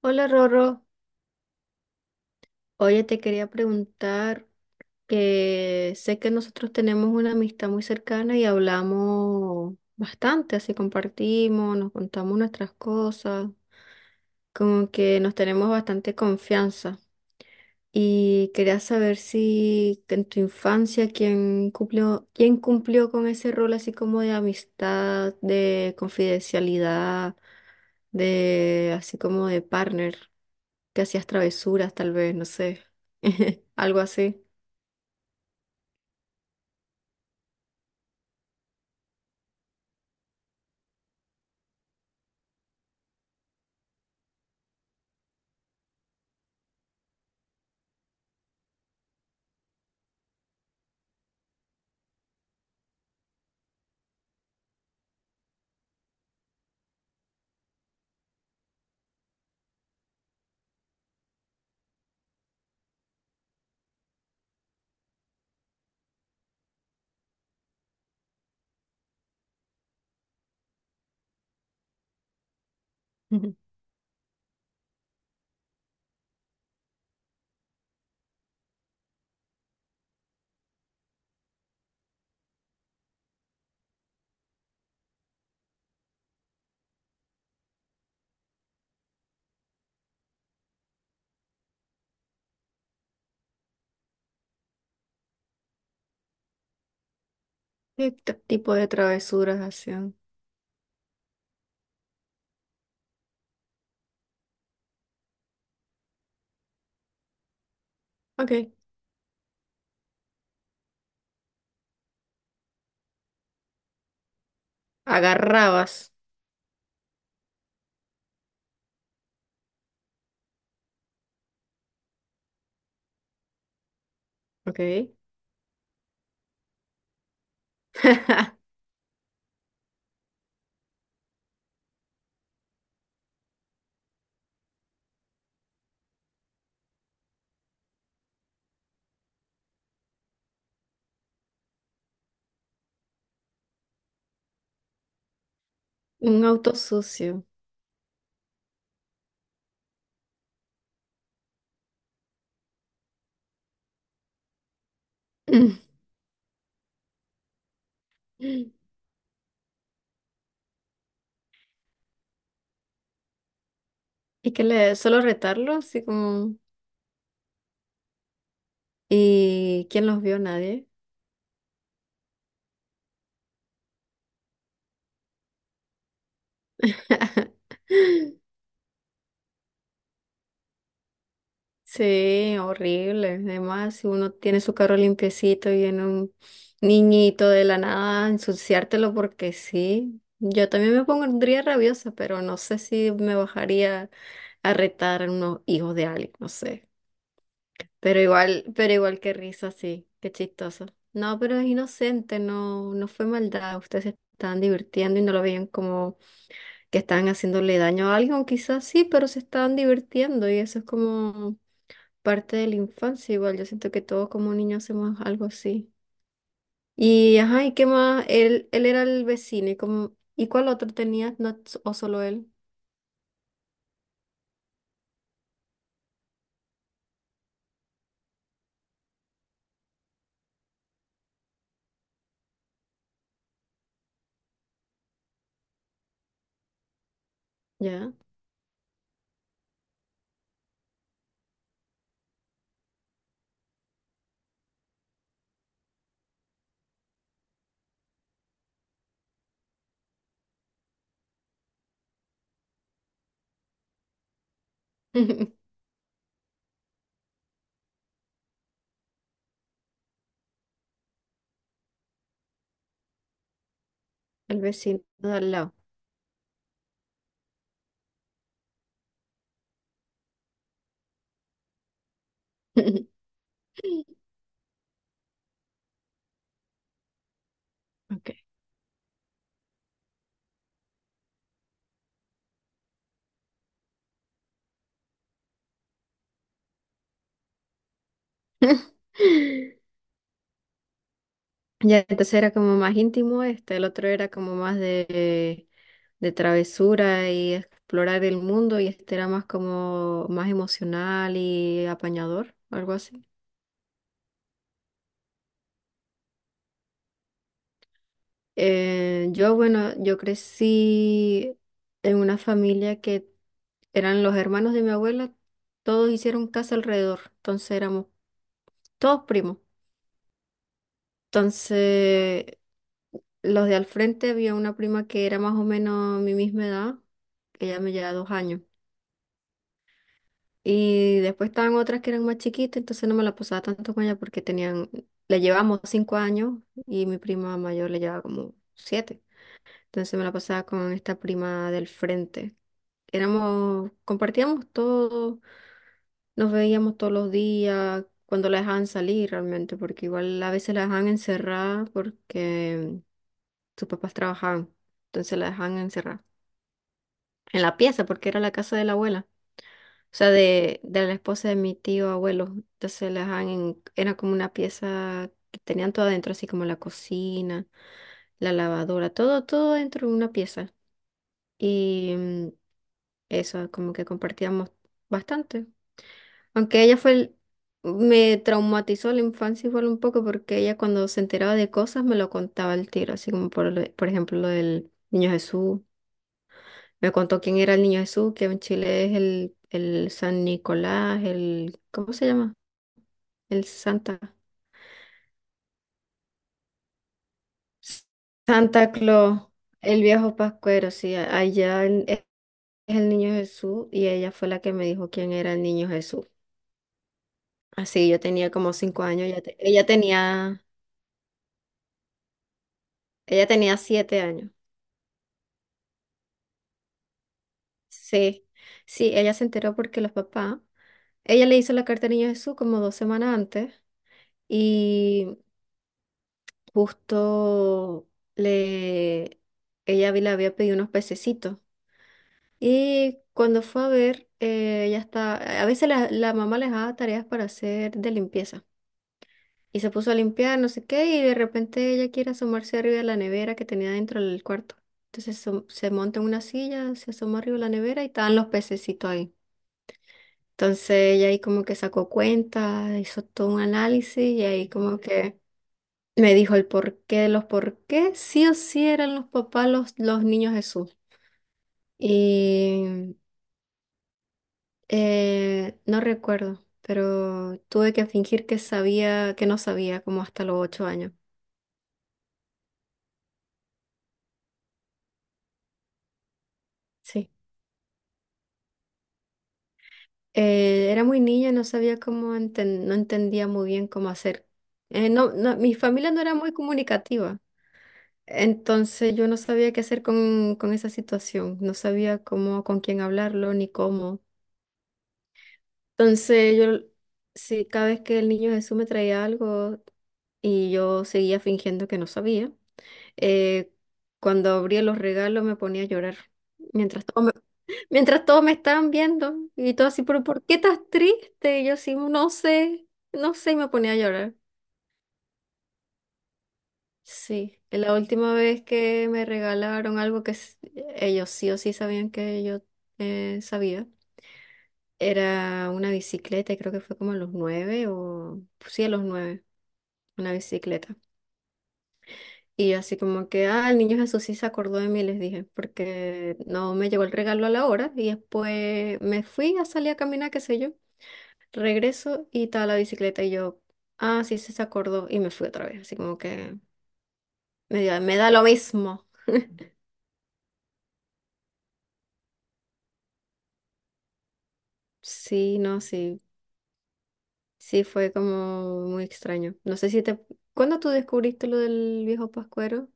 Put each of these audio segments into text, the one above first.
Hola Rorro, oye, te quería preguntar que sé que nosotros tenemos una amistad muy cercana y hablamos bastante, así compartimos, nos contamos nuestras cosas, como que nos tenemos bastante confianza. Y quería saber si en tu infancia quién cumplió con ese rol así como de amistad, de confidencialidad, de así como de partner. Que hacías travesuras, tal vez, no sé. Algo así. Ujú. ¿Qué tipo de travesuras hacían? Ok. Agarrabas. Ok. Un auto sucio. ¿Y que le solo retarlo? Así como. ¿Y quién los vio? Nadie. Sí, horrible. Además, si uno tiene su carro limpiecito y viene un niñito de la nada a ensuciártelo porque sí. Yo también me pondría rabiosa, pero no sé si me bajaría a retar a unos hijos de alguien, no sé. Pero igual qué risa, sí, qué chistoso. No, pero es inocente, no, no fue maldad. Ustedes se estaban divirtiendo y no lo veían como que estaban haciéndole daño a alguien, quizás sí, pero se estaban divirtiendo y eso es como parte de la infancia, igual yo siento que todos como niños hacemos algo así. Y ajá, ¿y qué más? Él era el vecino, ¿y cuál otro tenías? No, ¿o solo él? Ya, el vecino de al lado. Ok. Ya, entonces era como más íntimo este, el otro era como más de travesura y explorar el mundo y este era más como más emocional y apañador, algo así. Bueno, yo crecí en una familia que eran los hermanos de mi abuela, todos hicieron casa alrededor, entonces éramos todos primos. Entonces, los de al frente había una prima que era más o menos mi misma edad, que ella me lleva 2 años. Y después estaban otras que eran más chiquitas, entonces no me la pasaba tanto con ella porque tenían, le llevamos 5 años y mi prima mayor le llevaba como siete. Entonces me la pasaba con esta prima del frente éramos, compartíamos todo, nos veíamos todos los días, cuando la dejaban salir realmente, porque igual a veces la dejaban encerrada porque sus papás trabajaban, entonces la dejaban encerrada en la pieza porque era la casa de la abuela, o sea, de la esposa de mi tío abuelo, entonces la dejaban en, era como una pieza que tenían todo adentro, así como la cocina, la lavadora, todo, todo dentro de una pieza. Y eso, como que compartíamos bastante. Aunque ella me traumatizó la infancia igual un poco porque ella cuando se enteraba de cosas me lo contaba al tiro, así como por ejemplo lo del Niño Jesús. Me contó quién era el Niño Jesús, que en Chile es el San Nicolás, el... ¿Cómo se llama? El Santa. S- Santa Claus, el viejo Pascuero, sí, allá es el Niño Jesús y ella fue la que me dijo quién era el Niño Jesús. Así yo tenía como 5 años, ella tenía 7 años. Sí, sí, ella se enteró porque los papás, ella le hizo la carta al Niño Jesús como 2 semanas antes y justo le, le había pedido unos pececitos. Y cuando fue a ver, ella está, a veces la mamá les daba tareas para hacer de limpieza. Y se puso a limpiar, no sé qué, y de repente ella quiere asomarse arriba de la nevera que tenía dentro del cuarto. Entonces se monta en una silla, se asoma arriba de la nevera y estaban los pececitos ahí. Entonces ella ahí como que sacó cuenta, hizo todo un análisis y ahí como que me dijo el porqué de los por qué, sí o sí eran los papás los niños Jesús. Y no recuerdo, pero tuve que fingir que sabía, que no sabía, como hasta los 8 años. Sí. Era muy niña, no sabía cómo no entendía muy bien cómo hacer. No, no, mi familia no era muy comunicativa. Entonces yo no sabía qué hacer con esa situación, no sabía cómo, con quién hablarlo ni cómo. Entonces yo, sí, cada vez que el niño Jesús me traía algo y yo seguía fingiendo que no sabía, eh, cuando abría los regalos me ponía a llorar. Mientras todo me, Mientras todos me estaban viendo y todo así, pero ¿por qué estás triste? Y yo así, no sé, no sé, y me ponía a llorar. Sí, la última vez que me regalaron algo que ellos sí o sí sabían que yo sabía, era una bicicleta, y creo que fue como a los nueve o sí, a los nueve, una bicicleta. Y yo así como que, ah, el niño Jesús sí se acordó de mí, les dije, porque no me llegó el regalo a la hora y después me fui a salir a caminar, qué sé yo, regreso y estaba la bicicleta y yo, ah, sí, sí se acordó y me fui otra vez, así como que me da lo mismo. Sí, no, sí. Sí, fue como muy extraño. No sé si te... ¿Cuándo tú descubriste lo del viejo Pascuero?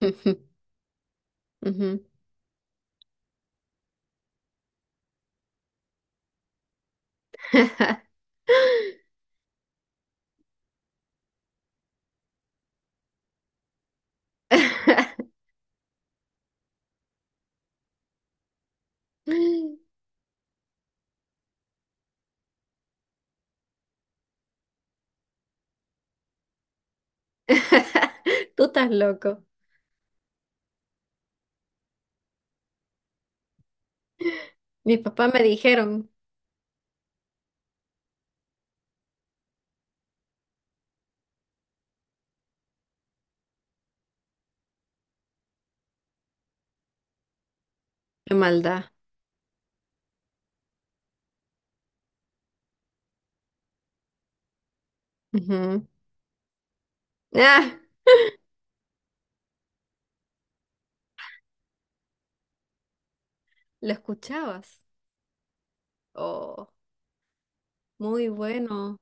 Ujú. Tú estás loco. Mis papás me dijeron. Qué maldad. Ujú. Ah, ¿lo escuchabas? Oh, muy bueno.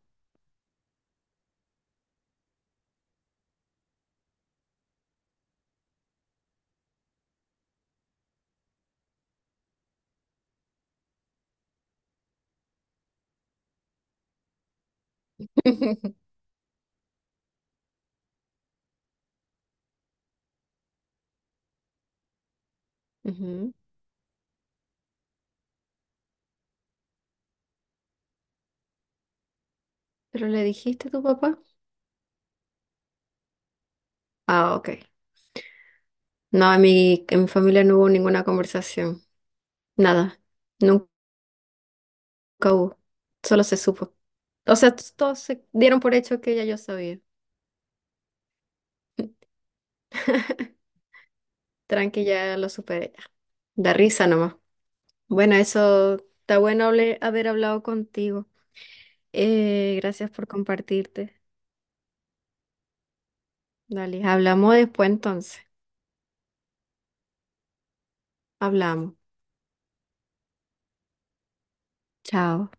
Ujú. ¿Pero le dijiste a tu papá? Ah, ok. No, en mi, familia no hubo ninguna conversación. Nada. Nunca hubo. Solo se supo. O sea, todos se dieron por hecho que ya yo sabía. Tranqui, ya lo superé. Ya. Da risa nomás. Bueno, eso está bueno haber hablado contigo. Gracias por compartirte. Dale, hablamos después entonces. Hablamos. Chao.